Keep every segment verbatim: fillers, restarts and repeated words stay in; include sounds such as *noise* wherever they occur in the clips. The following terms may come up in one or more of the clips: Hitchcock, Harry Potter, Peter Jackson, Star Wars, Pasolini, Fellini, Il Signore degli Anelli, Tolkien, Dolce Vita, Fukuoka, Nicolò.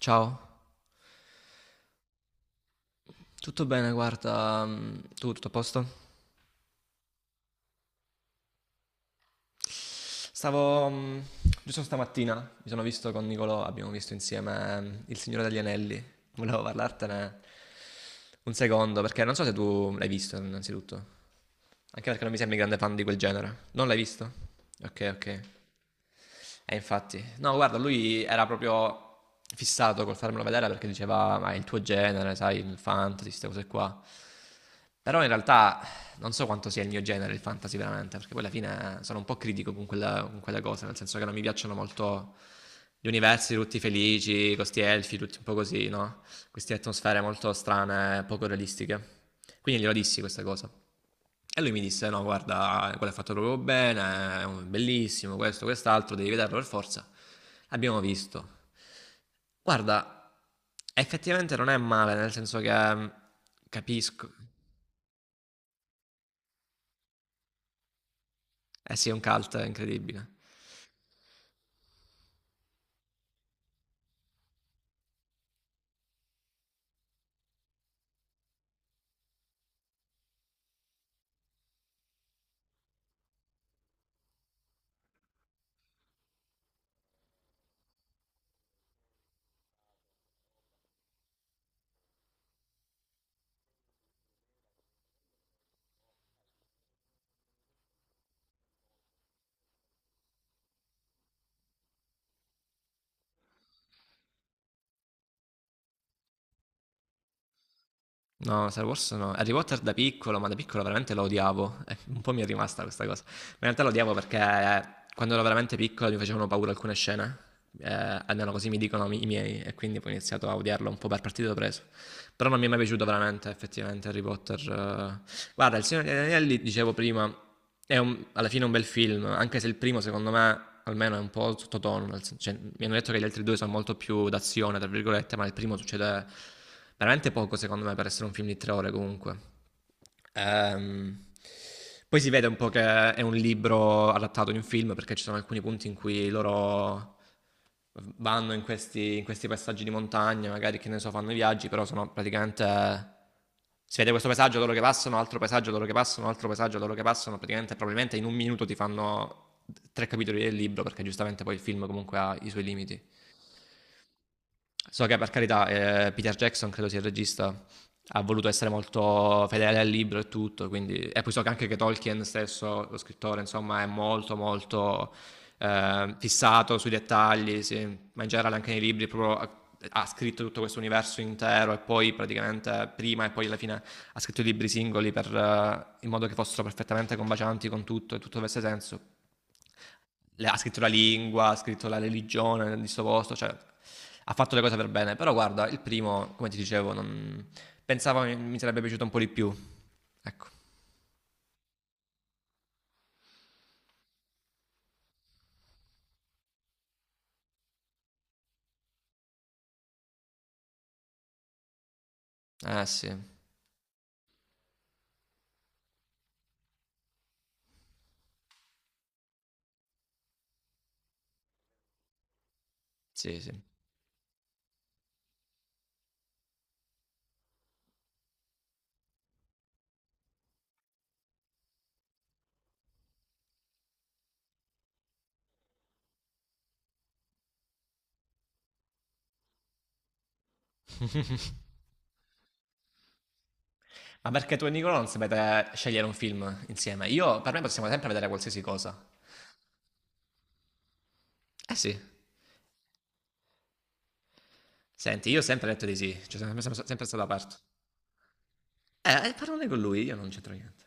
Ciao, tutto bene, guarda, mm, tu tutto a posto? Stavo, mm, giusto stamattina, mi sono visto con Nicolò, abbiamo visto insieme mm, Il Signore degli Anelli, volevo parlartene un secondo, perché non so se tu l'hai visto innanzitutto, anche perché non mi sembri grande fan di quel genere, non l'hai visto? Ok, ok. E infatti, no, guarda, lui era proprio fissato col farmelo vedere perché diceva, ma è il tuo genere, sai, il fantasy, queste cose qua. Però in realtà non so quanto sia il mio genere il fantasy veramente, perché poi alla fine sono un po' critico con, quella- con quelle cose, nel senso che non mi piacciono molto gli universi tutti felici, questi elfi, tutti un po' così, no? Queste atmosfere molto strane, poco realistiche. Quindi glielo dissi questa cosa. E lui mi disse: No, guarda, quello è fatto proprio bene, è un- bellissimo, questo, quest'altro, devi vederlo per forza. L'abbiamo visto. Guarda, effettivamente non è male, nel senso che mm, capisco. Eh sì, è un cult incredibile. No, Star Wars no. Harry Potter da piccolo, ma da piccolo veramente lo odiavo. Eh, un po' mi è rimasta questa cosa. Ma in realtà lo odiavo perché eh, quando ero veramente piccolo mi facevano paura alcune scene. Eh, almeno così mi dicono i miei, e quindi poi ho iniziato a odiarlo un po' per partito preso. Però non mi è mai piaciuto veramente, effettivamente, Harry Potter. eh. Guarda, il Signore degli Anelli, dicevo prima, è un- alla fine un bel film, anche se il primo secondo me almeno è un po' sottotono, nel sen- cioè, mi hanno detto che gli altri due sono molto più d'azione, tra virgolette, ma il primo succede veramente poco secondo me per essere un film di tre ore comunque. Ehm, poi si vede un po' che è un libro adattato in un film perché ci sono alcuni punti in cui loro vanno in questi, in questi passaggi di montagna, magari che ne so, fanno i viaggi, però sono praticamente si vede questo paesaggio, loro che passano, altro paesaggio, loro che passano, altro paesaggio, loro che passano, praticamente probabilmente in un minuto ti fanno tre capitoli del libro perché giustamente poi il film comunque ha i suoi limiti. So che per carità eh, Peter Jackson, credo sia il regista, ha voluto essere molto fedele al libro e tutto, quindi... e poi so che anche che Tolkien stesso, lo scrittore, insomma, è molto molto eh, fissato sui dettagli, sì. Ma in generale anche nei libri proprio ha, ha scritto tutto questo universo intero e poi praticamente prima e poi alla fine ha scritto i libri singoli per, eh, in modo che fossero perfettamente combacianti con tutto e tutto avesse senso. Le- ha scritto la lingua, ha scritto la religione di sto posto, cioè ha fatto le cose per bene, però guarda, il primo, come ti dicevo, non... pensavo mi, mi sarebbe piaciuto un po' di più. Ecco. Ah sì, sì, sì. *laughs* Ma perché tu e Nicola non sapete scegliere un film insieme? Io, per me possiamo sempre vedere qualsiasi cosa. Eh sì. Senti, io ho sempre detto di sì, cioè sono sempre, sempre stato aperto. Eh, parlane con lui, io non c'entro niente.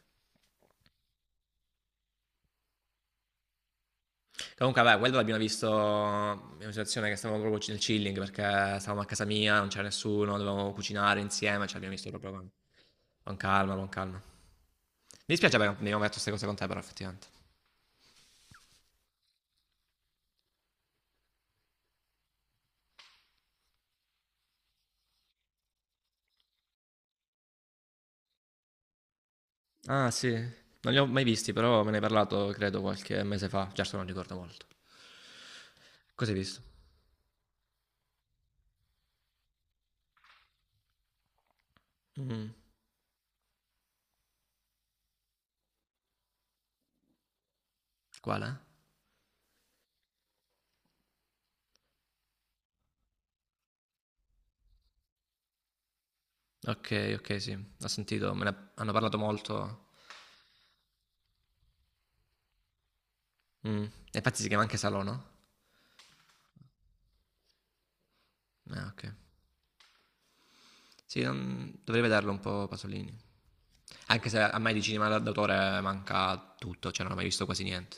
Comunque, vabbè, quello l'abbiamo visto in una situazione che stavamo proprio nel chilling perché stavamo a casa mia, non c'era nessuno, dovevamo cucinare insieme, ci abbiamo visto proprio con, con calma, con calma. Mi dispiace perché non abbiamo detto queste cose con te, però, effettivamente. Ah, sì, non li ho mai visti, però me ne hai parlato, credo, qualche mese fa. Certo, non ricordo molto. Cosa hai visto? Mm. Quale? Ok, ok, sì, ho sentito, me ne hanno parlato molto. Mm. E infatti si chiama anche Salò, no? Eh, ok. Sì, non- dovrebbe darlo un po' Pasolini. Anche se a me di cinema d'autore manca tutto, cioè non ho mai visto quasi niente.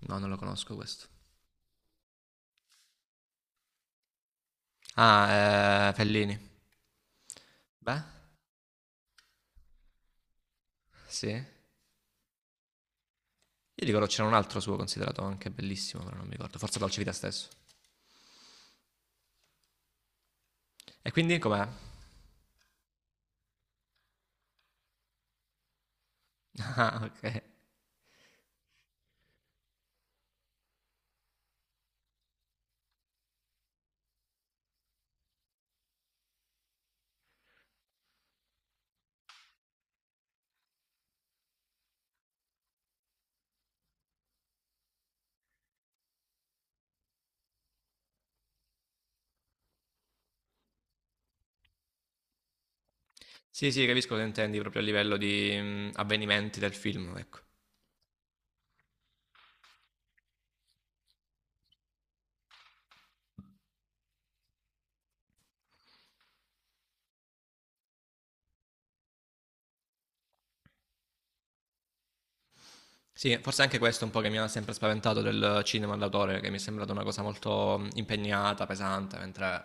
No, non lo conosco questo. Ah, eh, Fellini. Beh, sì. Io ricordo c'era un altro suo considerato anche bellissimo, però non mi ricordo. Forse Dolce Vita stesso. E quindi com'è? *laughs* Ah, ok. Sì, sì, capisco cosa intendi proprio a livello di mm, avvenimenti del film, ecco. Sì, forse anche questo è un po' che mi ha sempre spaventato del cinema d'autore, che mi è sembrato una cosa molto mm, impegnata, pesante, mentre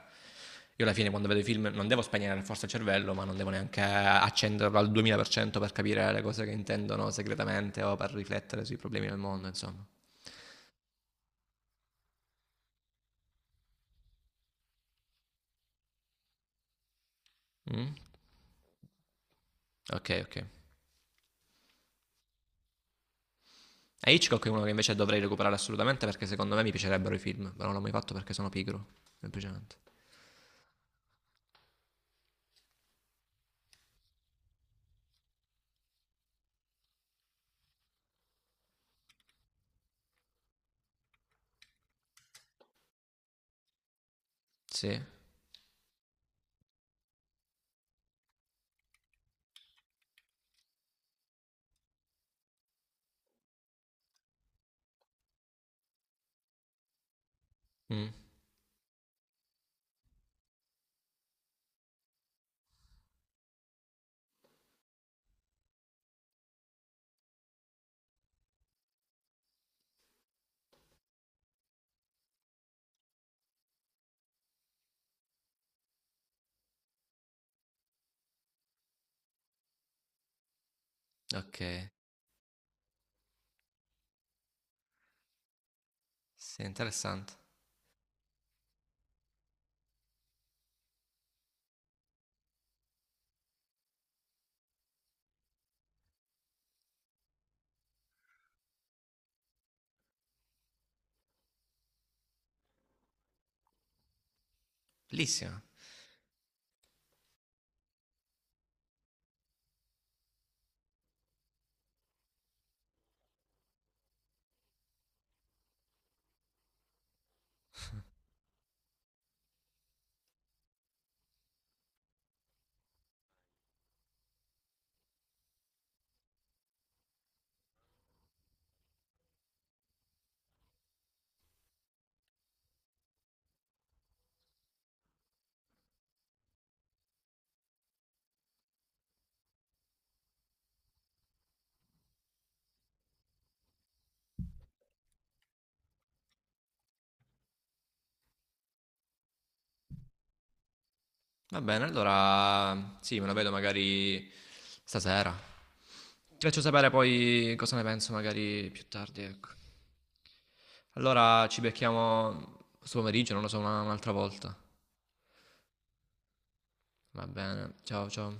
io alla fine quando vedo i film non devo spegnere forse il cervello, ma non devo neanche accenderlo al duemila per cento per cento per capire le cose che intendono segretamente o per riflettere sui problemi del mondo, insomma. Mm? Ok, ok. E Hitchcock è uno che invece dovrei recuperare assolutamente perché secondo me mi piacerebbero i film, però non l'ho mai fatto perché sono pigro, semplicemente. Sì? Mm. Ok. Sì, interessante. Bellissima. Va bene, allora sì, me lo vedo magari stasera. Ti faccio sapere poi cosa ne penso magari più tardi, ecco. Allora ci becchiamo questo pomeriggio, non lo so, una- un'altra volta. Va bene, ciao ciao.